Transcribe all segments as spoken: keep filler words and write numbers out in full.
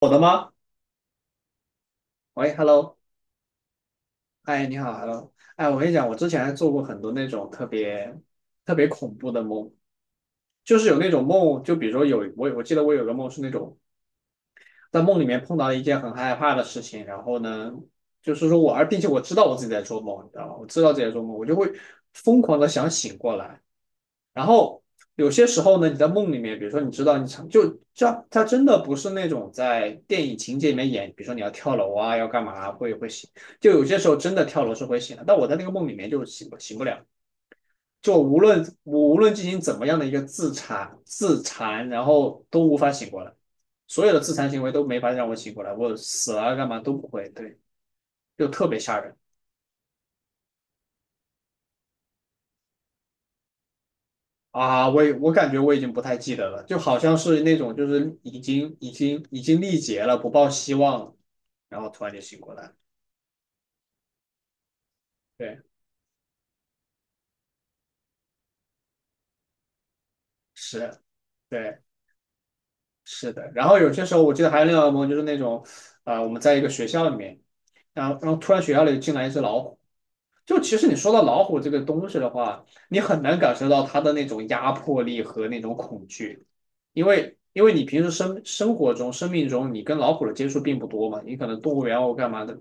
我的吗？喂，Hello，哎，你好，Hello，哎，我跟你讲，我之前还做过很多那种特别特别恐怖的梦，就是有那种梦，就比如说有我我记得我有个梦是那种在梦里面碰到了一件很害怕的事情，然后呢，就是说我，而并且我知道我自己在做梦，你知道吗？我知道自己在做梦，我就会疯狂的想醒过来。然后有些时候呢，你在梦里面，比如说你知道你想就这，它真的不是那种在电影情节里面演，比如说你要跳楼啊，要干嘛啊会会醒，就有些时候真的跳楼是会醒的，但我在那个梦里面就醒不醒不了。就无论我无论进行怎么样的一个自残自残，然后都无法醒过来，所有的自残行为都没法让我醒过来，我死了干嘛都不会，对，就特别吓人啊！我也我感觉我已经不太记得了，就好像是那种就是已经已经已经力竭了，不抱希望了，然后突然就醒过来，对，是，对，是的。然后有些时候我记得还有另外一个梦，就是那种，啊、我们在一个学校里面，然后然后突然学校里进来一只老虎。就其实你说到老虎这个东西的话，你很难感受到它的那种压迫力和那种恐惧，因为因为你平时生生活中、生命中，你跟老虎的接触并不多嘛，你可能动物园啊或干嘛的，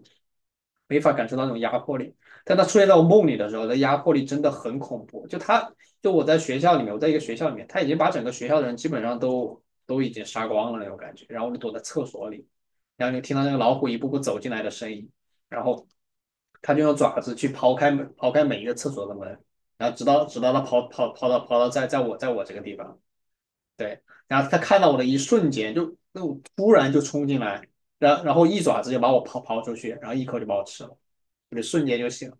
没法感受到那种压迫力。但它出现在我梦里的时候，那压迫力真的很恐怖。就它，就我在学校里面，我在一个学校里面，它已经把整个学校的人基本上都都已经杀光了那种感觉，然后我就躲在厕所里，然后就听到那个老虎一步步走进来的声音。然后他就用爪子去刨开每刨开每一个厕所的门，然后直到直到他刨刨刨到刨到在在我在我这个地方，对，然后他看到我的一瞬间就那种突然就冲进来，然后然后一爪子就把我刨刨出去，然后一口就把我吃了，就瞬间就醒了。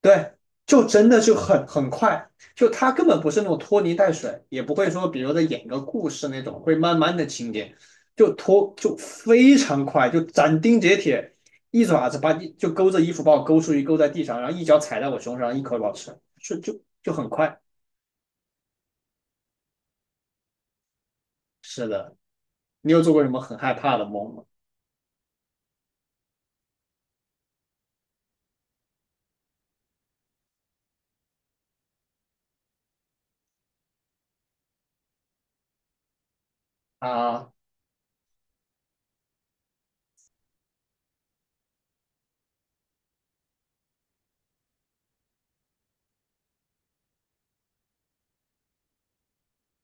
对，就真的就很很快，就他根本不是那种拖泥带水，也不会说比如在演个故事那种会慢慢的情节，就拖就非常快，就斩钉截铁，一爪子把你就勾着衣服把我勾出去，勾在地上，然后一脚踩在我胸上，一口咬吃，就就就很快。是的，你有做过什么很害怕的梦吗？啊，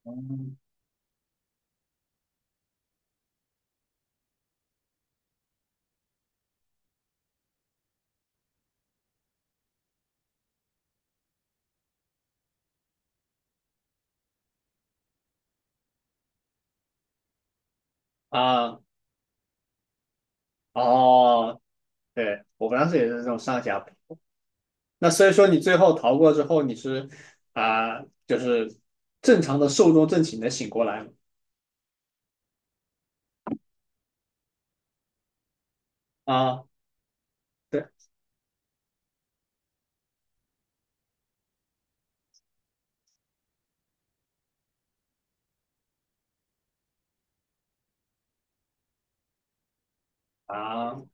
嗯啊，哦，对，我当时也是这种上下那所以说你最后逃过之后，你是啊、就是正常的寿终正寝的醒过来了啊，对啊，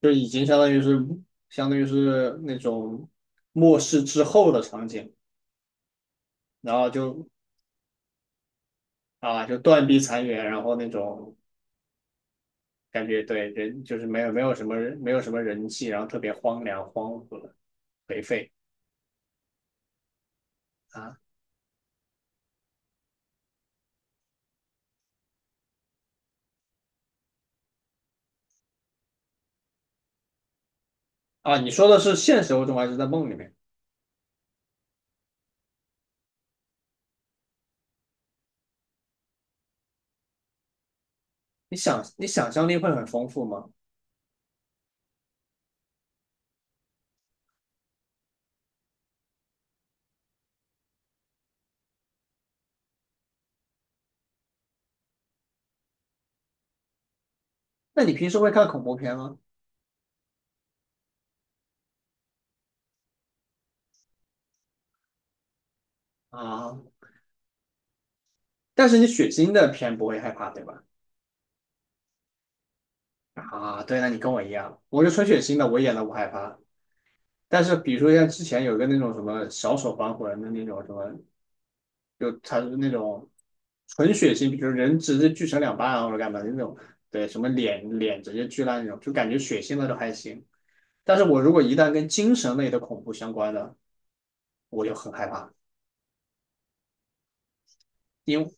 就已经相当于是相当于是那种末世之后的场景，然后就啊就断壁残垣，然后那种感觉对人就是没有没有什么人没有什么人气，然后特别荒凉、荒芜、颓废啊啊！你说的是现实中还是在梦里面？你想你想象力会很丰富吗？那你平时会看恐怖片吗？啊，但是你血腥的片不会害怕，对吧？啊，对，那你跟我一样，我是纯血腥的，我演的不害怕。但是比如说像之前有个那种什么小丑防魂的那种什么，就他是那种纯血腥，比如人直接锯成两半啊或者干嘛的那种，对，什么脸脸直接锯烂那种，就感觉血腥的都还行。但是我如果一旦跟精神类的恐怖相关的，我就很害怕，因为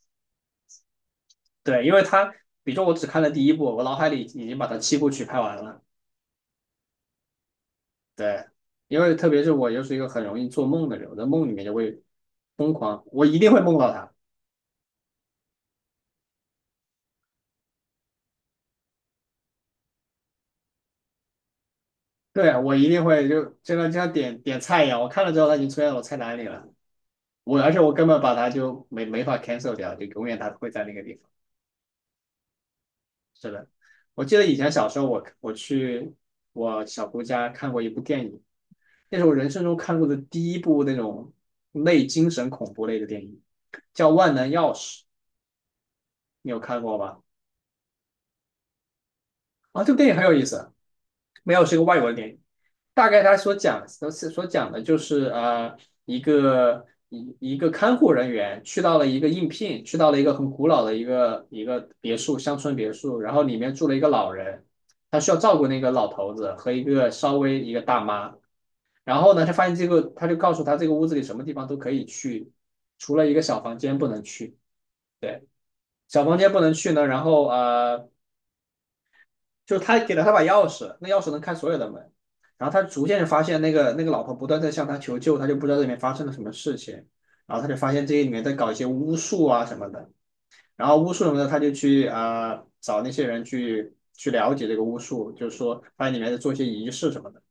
对，因为他，比如说我只看了第一部，我脑海里已经把它七部曲拍完了。对，因为特别是我又是一个很容易做梦的人，我在梦里面就会疯狂，我一定会梦到他。对啊，我一定会就就像就像点点菜一样，我看了之后他已经出现在我菜单里了，我而且我根本把它就没没法 cancel 掉，就永远它会在那个地方。是的，我记得以前小时候我我去我小姑家看过一部电影，那是我人生中看过的第一部那种类精神恐怖类的电影，叫《万能钥匙》，你有看过吗？啊，这部电影很有意思。没有是一个外国的电影，大概他所讲所所讲的就是呃一个一一个看护人员去到了一个应聘，去到了一个很古老的一个一个别墅乡村别墅，然后里面住了一个老人，他需要照顾那个老头子和一个稍微一个大妈，然后呢他发现这个他就告诉他这个屋子里什么地方都可以去，除了一个小房间不能去，小房间不能去呢，然后呃。就是他给了他把钥匙，那钥匙能开所有的门。然后他逐渐就发现那个那个老婆不断在向他求救，他就不知道这里面发生了什么事情。然后他就发现这里面在搞一些巫术啊什么的。然后巫术什么的，他就去啊、呃找那些人去去了解这个巫术，就是说发现里面在做一些仪式什么的。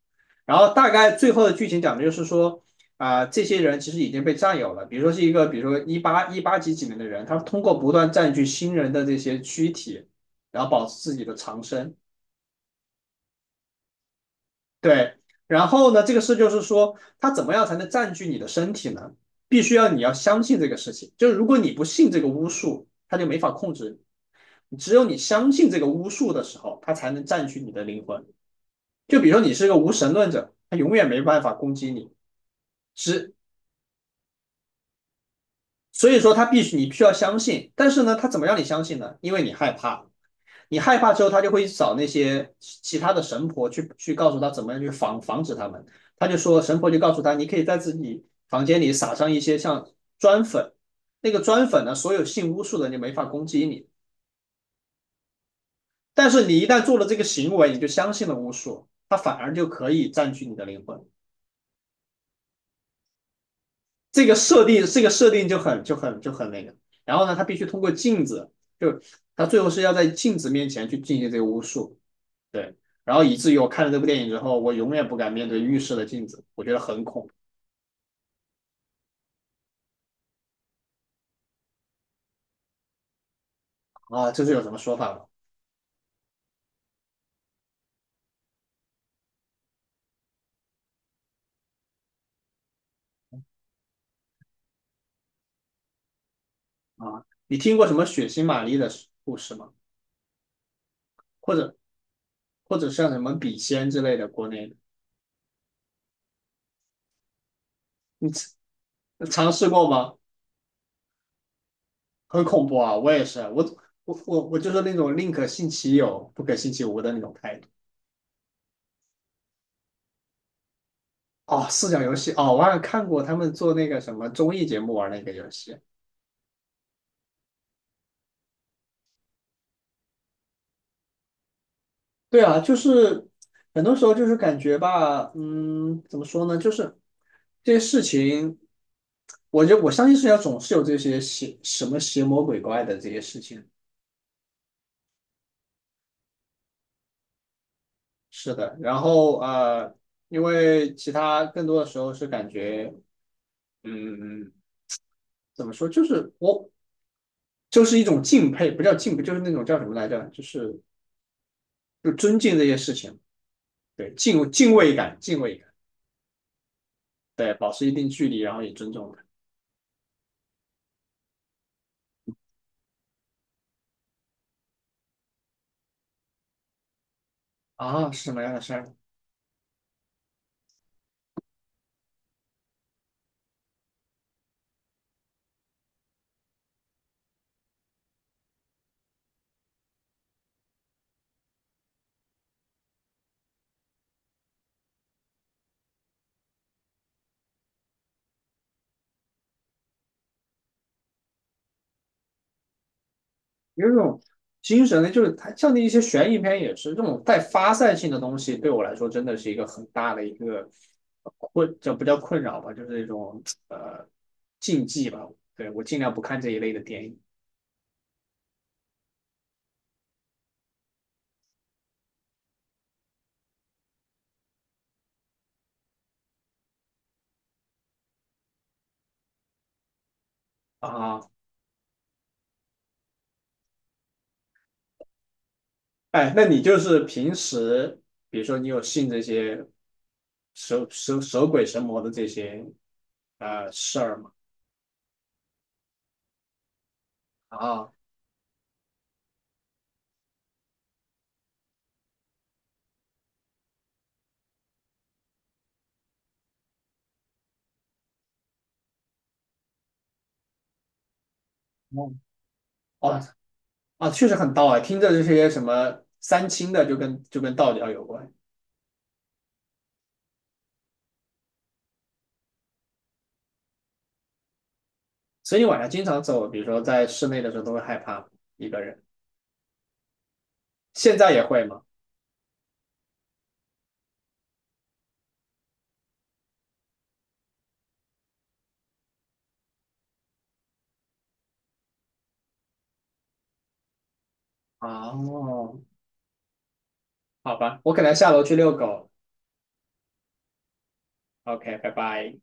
然后大概最后的剧情讲的就是说。啊、呃这些人其实已经被占有了。比如说是一个，比如说一八一八几几年的人，他通过不断占据新人的这些躯体，然后保持自己的长生。对，然后呢，这个事就是说，它怎么样才能占据你的身体呢？必须要你要相信这个事情，就是如果你不信这个巫术，它就没法控制你。只有你相信这个巫术的时候，它才能占据你的灵魂。就比如说你是个无神论者，它永远没办法攻击你。只所以说，它必须你必须要相信，但是呢，它怎么让你相信呢？因为你害怕，你害怕之后，他就会找那些其他的神婆去去告诉他怎么样去防防止他们。他就说，神婆就告诉他，你可以在自己房间里撒上一些像砖粉，那个砖粉呢，所有信巫术的就没法攻击你。但是你一旦做了这个行为，你就相信了巫术，它反而就可以占据你的灵魂。这个设定，这个设定就很就很就很那个。然后呢，他必须通过镜子，就他最后是要在镜子面前去进行这个巫术。对，然后以至于我看了这部电影之后，我永远不敢面对浴室的镜子，我觉得很恐怖啊！这是有什么说法吗？啊，你听过什么血腥玛丽的故事吗？或者或者像什么笔仙之类的国内的尝试过吗？很恐怖啊！我也是，我我我我就是那种宁可信其有，不可信其无的那种态度。哦，四角游戏哦，我好像看过他们做那个什么综艺节目玩那个游戏，对啊，就是很多时候就是感觉吧，嗯，怎么说呢？就是这些事情，我觉得我相信世界上总是有这些邪什么邪魔鬼怪的这些事情。是的，然后呃，因为其他更多的时候是感觉，嗯，怎么说？就是我就是一种敬佩，不叫敬佩，就是那种叫什么来着？就是就尊敬这些事情，对，敬敬畏感，敬畏感，对，保持一定距离，然后也尊重它。啊，是什么样的事儿？有一种精神呢，就是它像那一些悬疑片也是这种带发散性的东西，对我来说真的是一个很大的一个困，这不叫困扰吧，就是一种呃禁忌吧。对，我尽量不看这一类的电影啊。哎，那你就是平时，比如说你有信这些蛇蛇蛇鬼神魔的这些呃事儿吗？啊，哦哦啊，确实很道啊，听着这些什么三清的就跟就跟道教有关。所以你晚上经常走，比如说在室内的时候都会害怕一个人，现在也会吗？哦，好吧，我可能下楼去遛狗。OK,拜拜。